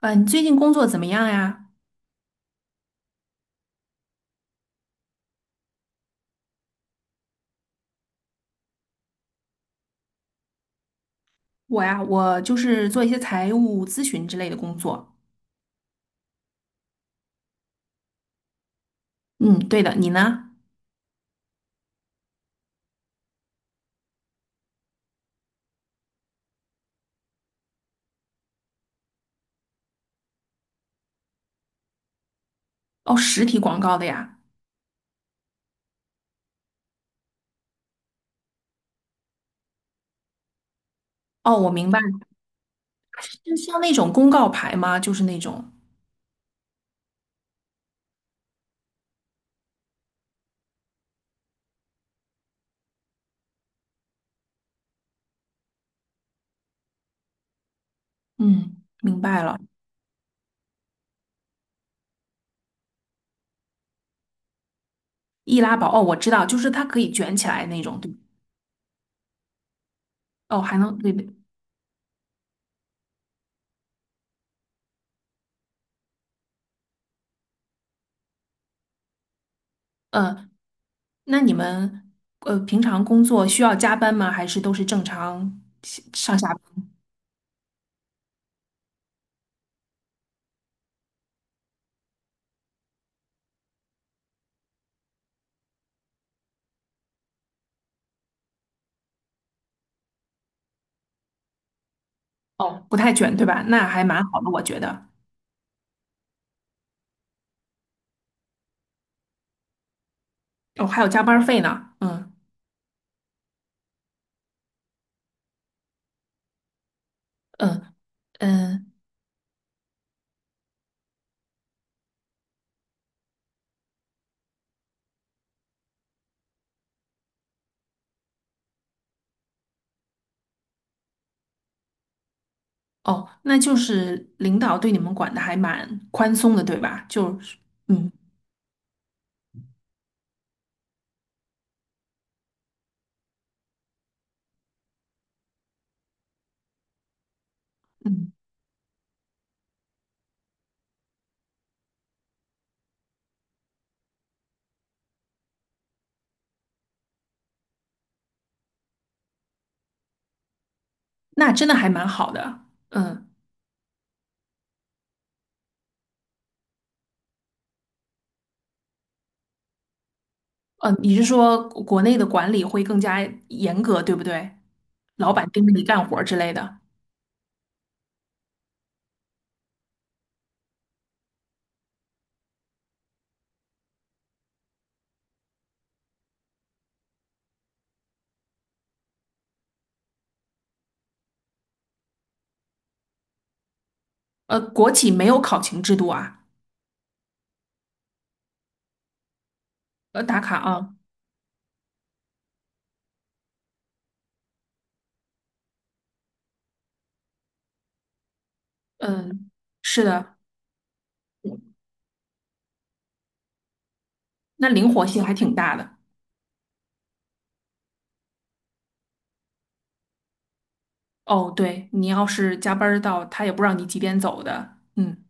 你最近工作怎么样呀？我就是做一些财务咨询之类的工作。嗯，对的，你呢？哦，实体广告的呀。哦，我明白了。就像那种公告牌吗？就是那种，嗯，明白了。易拉宝，哦，我知道，就是它可以卷起来那种，对。哦，还能，对对，嗯，那你们平常工作需要加班吗？还是都是正常上下班？哦，不太卷，对吧？那还蛮好的，我觉得。哦，还有加班费呢。嗯。嗯嗯，哦，那就是领导对你们管的还蛮宽松的，对吧？就是，嗯嗯，那真的还蛮好的。嗯嗯，你是说国内的管理会更加严格，对不对？老板盯着你干活儿之类的。国企没有考勤制度啊。打卡啊。嗯，是的。那灵活性还挺大的。哦，对，你要是加班儿到，他也不知道你几点走的。嗯。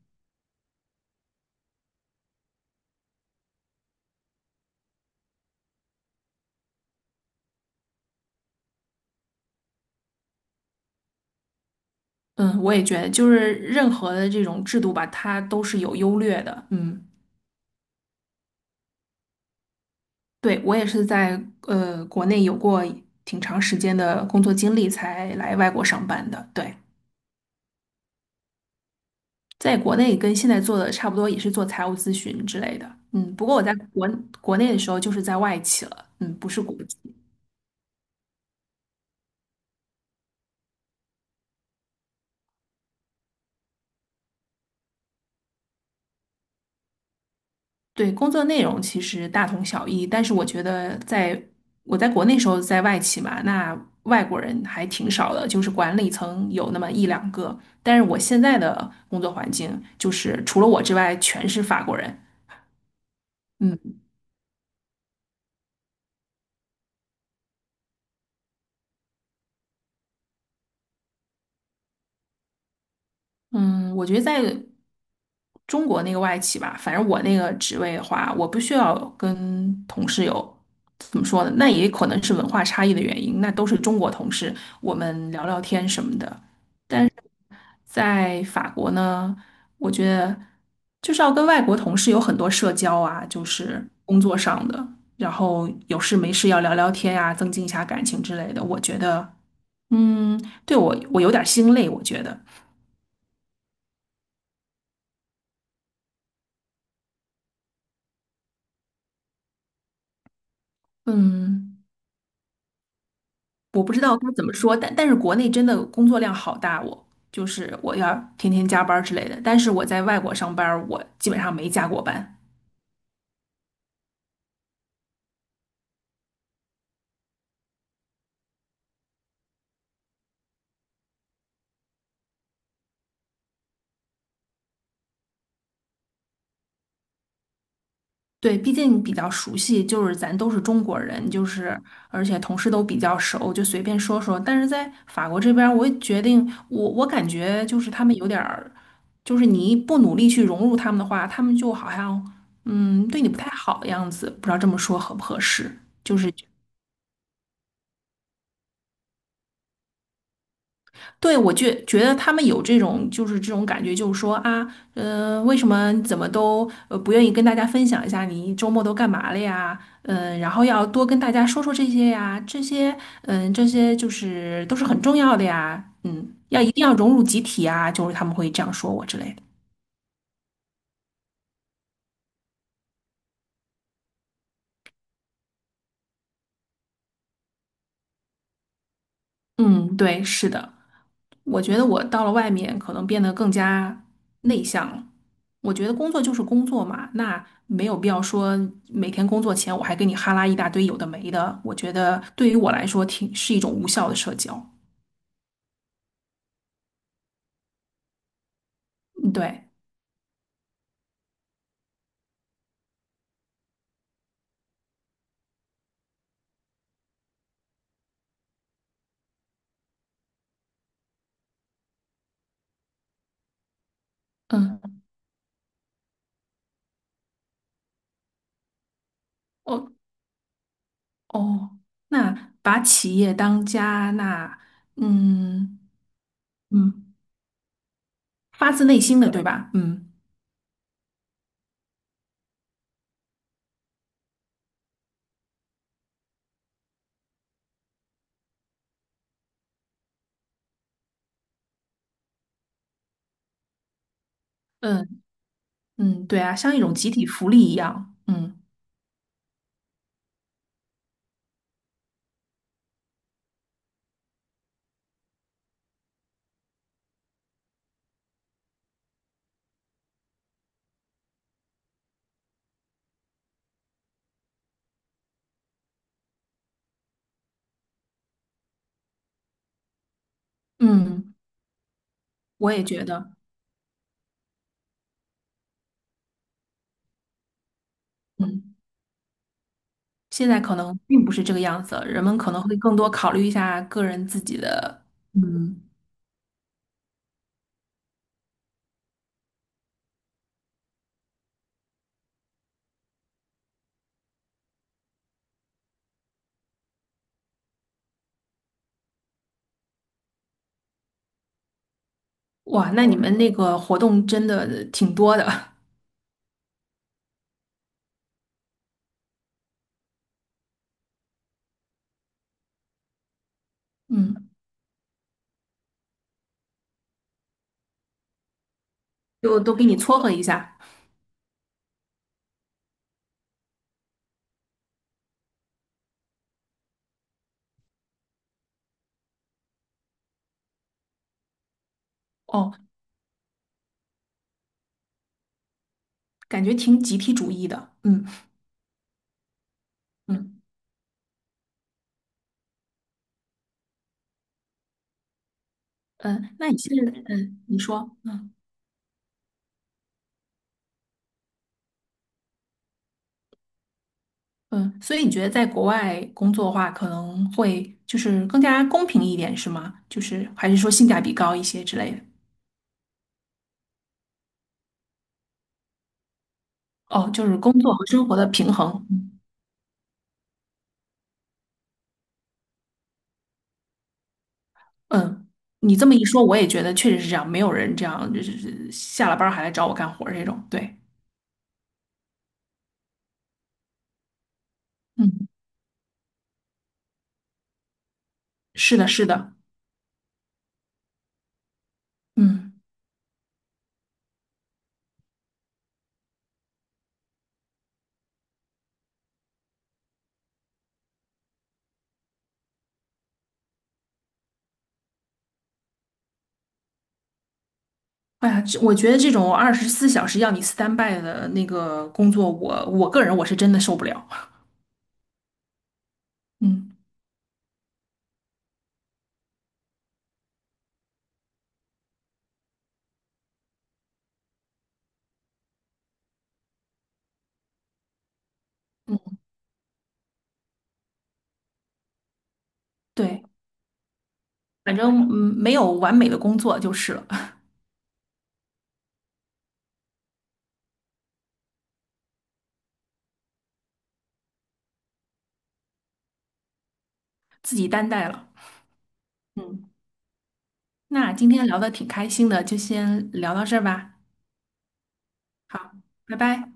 嗯，我也觉得，就是任何的这种制度吧，它都是有优劣的。嗯。对，我也是在国内有过挺长时间的工作经历，才来外国上班的。对，在国内跟现在做的差不多，也是做财务咨询之类的。嗯，不过我在国内的时候就是在外企了，嗯，不是国企。对，工作内容其实大同小异，但是我觉得我在国内时候在外企嘛，那外国人还挺少的，就是管理层有那么一两个。但是我现在的工作环境就是除了我之外全是法国人。嗯。嗯，我觉得在中国那个外企吧，反正我那个职位的话，我不需要跟同事有怎么说呢？那也可能是文化差异的原因，那都是中国同事，我们聊聊天什么的。但是在法国呢，我觉得就是要跟外国同事有很多社交啊，就是工作上的，然后有事没事要聊聊天呀、增进一下感情之类的。我觉得，嗯，对我有点儿心累，我觉得，嗯。我不知道该怎么说，但是国内真的工作量好大我，就是我要天天加班儿之类的。但是我在外国上班儿我基本上没加过班。对，毕竟比较熟悉，就是咱都是中国人，就是而且同事都比较熟，就随便说说。但是在法国这边儿我也决定，我感觉就是他们有点儿，就是你不努力去融入他们的话，他们就好像对你不太好的样子，不知道这么说合不合适。就是。对，我觉得他们有这种，就是这种感觉，就是说啊，为什么怎么都不愿意跟大家分享一下你周末都干嘛了呀？然后要多跟大家说说这些呀，这些就是都是很重要的呀，要一定要融入集体啊，就是他们会这样说我之类的。嗯，对，是的。我觉得我到了外面，可能变得更加内向了。我觉得工作就是工作嘛，那没有必要说每天工作前我还跟你哈拉一大堆有的没的。我觉得对于我来说挺是一种无效的社交。嗯对。嗯。哦哦，那把企业当家，那嗯嗯，发自内心的，对吧？嗯嗯嗯，对啊，像一种集体福利一样。嗯。嗯，我也觉得。嗯。现在可能并不是这个样子了，人们可能会更多考虑一下个人自己的。嗯。哇，那你们那个活动真的挺多的。嗯，就都给你撮合一下。哦，感觉挺集体主义的。嗯嗯嗯，那你现在，嗯，你说，嗯嗯，所以你觉得在国外工作的话，可能会就是更加公平一点，是吗？就是还是说性价比高一些之类的？哦，就是工作和生活的平衡。嗯，你这么一说，我也觉得确实是这样，没有人这样就是下了班儿还来找我干活儿这种。对，嗯，是的，是的。嗯。哎呀，这我觉得这种24小时要你 stand by 的那个工作，我个人我是真的受不了。嗯嗯，对，反正没有完美的工作就是了。自己担待了。嗯，那今天聊的挺开心的，就先聊到这儿吧。好，拜拜。